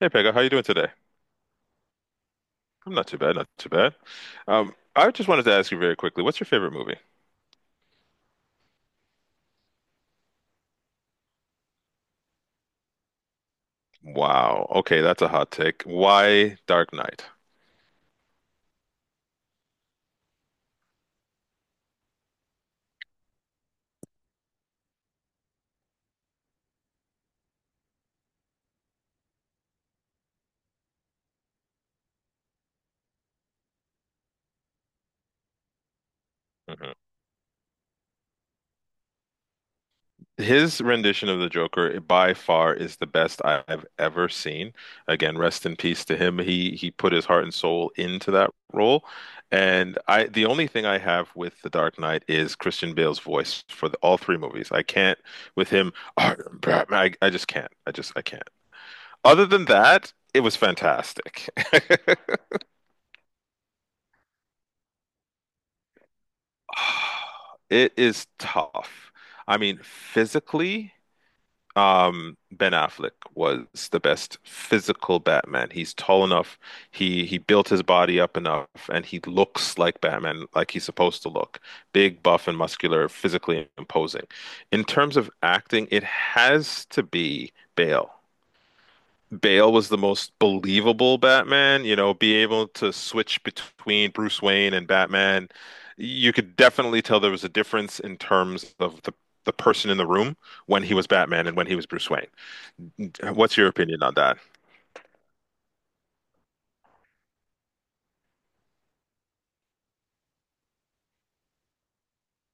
Hey Pega, how you doing today? I'm not too bad, not too bad. I just wanted to ask you very quickly, what's your favorite movie? Wow. Okay, that's a hot take. Why Dark Knight? Mhm. His rendition of the Joker by far is the best have ever seen. Again, rest in peace to him. He put his heart and soul into that role. And I the only thing I have with The Dark Knight is Christian Bale's voice for the, all 3 movies. I can't with him, "I Batman." I just can't. I just I can't. Other than that, it was fantastic. It is tough. I mean, physically Ben Affleck was the best physical Batman. He's tall enough. He built his body up enough, and he looks like Batman, like he's supposed to look. Big, buff, and muscular, physically imposing. In terms of acting, it has to be Bale. Bale was the most believable Batman, you know, be able to switch between Bruce Wayne and Batman. You could definitely tell there was a difference in terms of the person in the room when he was Batman and when he was Bruce Wayne. What's your opinion on that?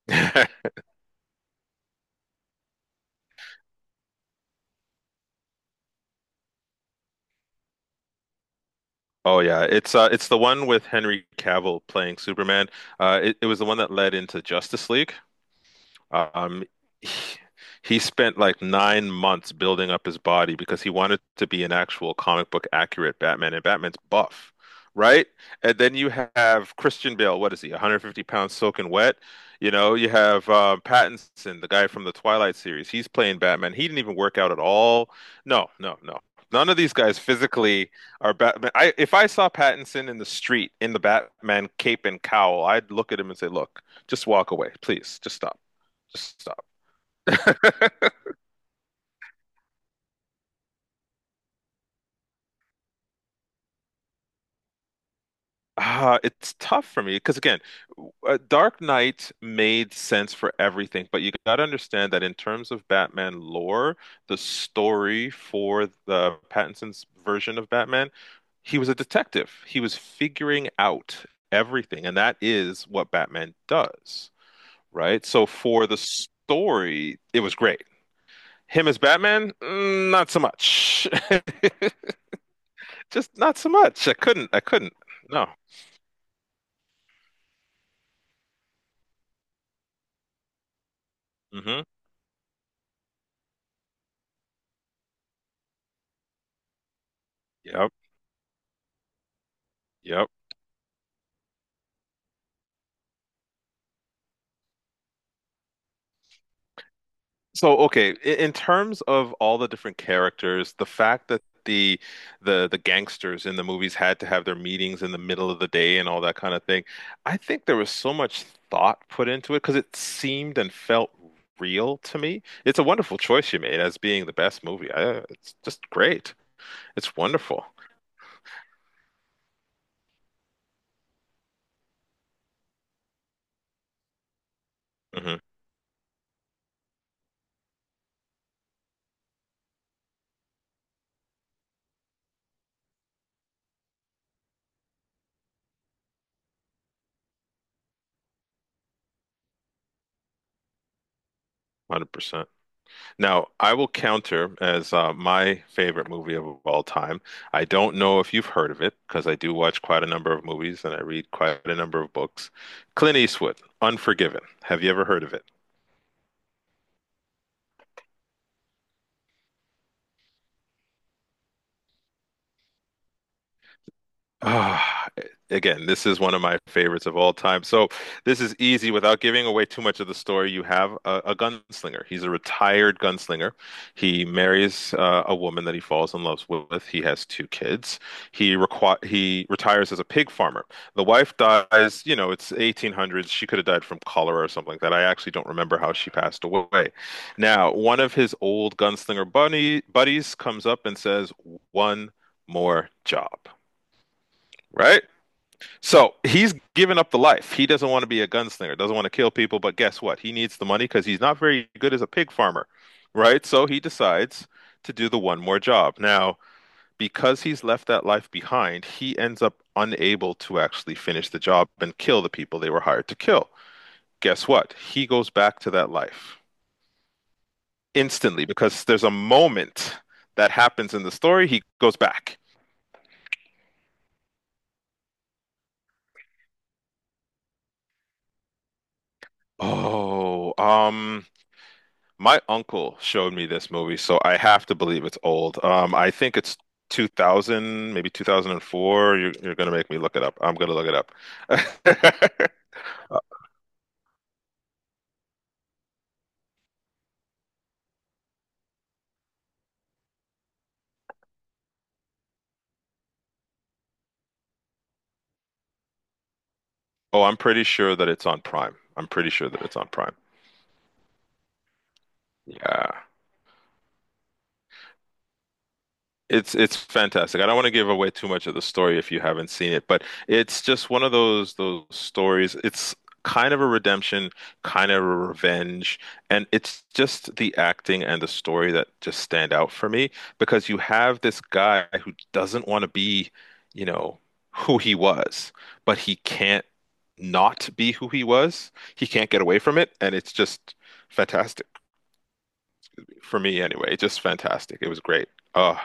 Oh yeah, it's the one with Henry Cavill playing Superman. It was the one that led into Justice League. Um, he, he spent like 9 months building up his body because he wanted to be an actual comic book accurate Batman, and Batman's buff, right? And then you have Christian Bale. What is he? 150 pounds soaking wet. You know, you have Pattinson, the guy from the Twilight series. He's playing Batman. He didn't even work out at all. No, no, no. None of these guys physically are Batman. I, if I saw Pattinson in the street in the Batman cape and cowl, I'd look at him and say, "Look, just walk away, please. Just stop." Stop. It's tough for me because again, Dark Knight made sense for everything, but you got to understand that in terms of Batman lore, the story for the Pattinson's version of Batman, he was a detective. He was figuring out everything, and that is what Batman does, right? So for the story, it was great. Him as Batman, mm, not so much. Just not so much. I couldn't. I couldn't. No. Hmm. Yep. Yep. So okay, in terms of all the different characters, the fact that the gangsters in the movies had to have their meetings in the middle of the day and all that kind of thing, I think there was so much thought put into it because it seemed and felt real to me. It's a wonderful choice you made as being the best movie. I, it's just great. It's wonderful. Hmm. Now, I will counter as my favorite movie of all time. I don't know if you've heard of it because I do watch quite a number of movies and I read quite a number of books. Clint Eastwood, Unforgiven. Have you ever heard of it? Ah, again, this is one of my favorites of all time. So this is easy without giving away too much of the story. You have a gunslinger. He's a retired gunslinger. He marries a woman that he falls in love with. He has 2 kids. He retires as a pig farmer. The wife dies, you know, it's 1800s. She could have died from cholera or something like that. I actually don't remember how she passed away. Now, one of his old gunslinger bunny buddies comes up and says, "One more job." Right? So he's given up the life. He doesn't want to be a gunslinger, doesn't want to kill people, but guess what? He needs the money because he's not very good as a pig farmer, right? So he decides to do the one more job. Now, because he's left that life behind, he ends up unable to actually finish the job and kill the people they were hired to kill. Guess what? He goes back to that life instantly because there's a moment that happens in the story. He goes back. Oh, my uncle showed me this movie, so I have to believe it's old. I think it's 2000, maybe 2004. You're gonna make me look it up. I'm gonna look it up. Oh, I'm pretty sure that it's on Prime. I'm pretty sure that it's on Prime. Yeah. It's fantastic. I don't want to give away too much of the story if you haven't seen it, but it's just one of those stories. It's kind of a redemption, kind of a revenge, and it's just the acting and the story that just stand out for me because you have this guy who doesn't want to be, you know, who he was, but he can't not be who he was. He can't get away from it, and it's just fantastic for me anyway. Just fantastic. It was great. Oh.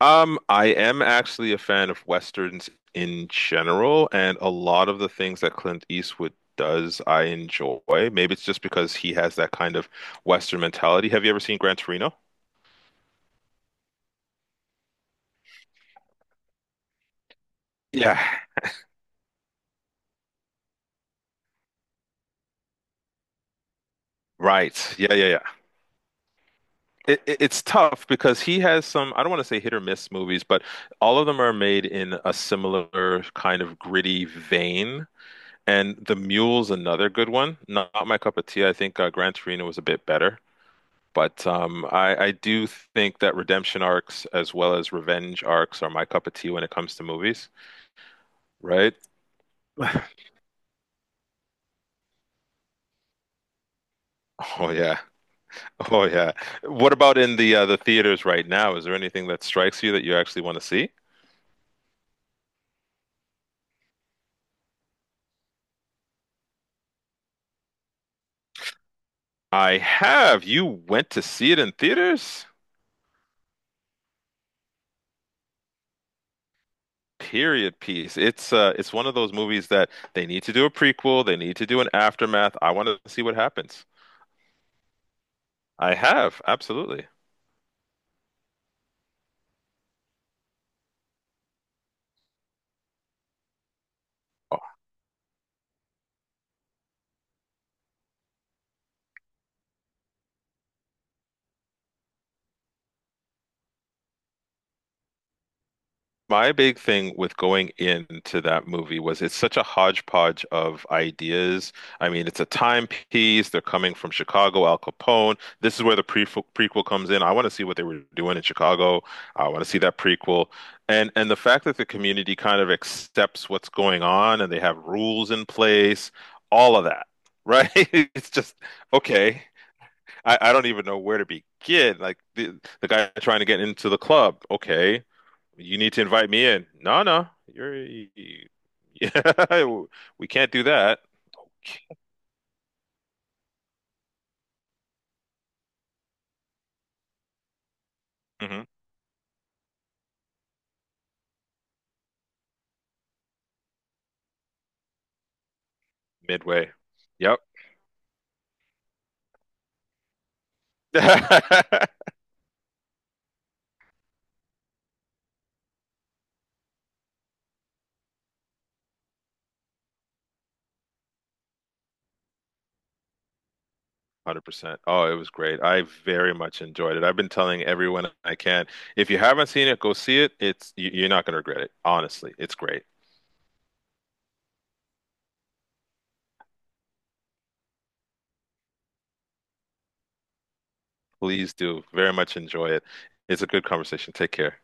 I am actually a fan of westerns in general, and a lot of the things that Clint Eastwood does, I enjoy. Maybe it's just because he has that kind of western mentality. Have you ever seen Gran Torino? Yeah. Right. Yeah, yeah, yeah. It's tough because he has some, I don't want to say hit or miss movies, but all of them are made in a similar kind of gritty vein. And The Mule's another good one. Not, not my cup of tea. I think Gran Torino was a bit better. I do think that redemption arcs as well as revenge arcs are my cup of tea when it comes to movies, right? Oh yeah. Oh yeah. What about in the theaters right now? Is there anything that strikes you that you actually want to see? I have. You went to see it in theaters? Period piece. It's one of those movies that they need to do a prequel, they need to do an aftermath. I want to see what happens. I have, absolutely. My big thing with going into that movie was it's such a hodgepodge of ideas. I mean, it's a timepiece. They're coming from Chicago, Al Capone. This is where the prequel comes in. I want to see what they were doing in Chicago. I want to see that prequel. And the fact that the community kind of accepts what's going on and they have rules in place, all of that, right? It's just okay. I don't even know where to begin. Like the guy trying to get into the club, okay. You need to invite me in. No, no, you're yeah, we can't do that. Hmm. Midway. Yep. 100%. Oh, it was great. I very much enjoyed it. I've been telling everyone I can. If you haven't seen it, go see it. You're not going to regret it. Honestly, it's great. Please do. Very much enjoy it. It's a good conversation. Take care.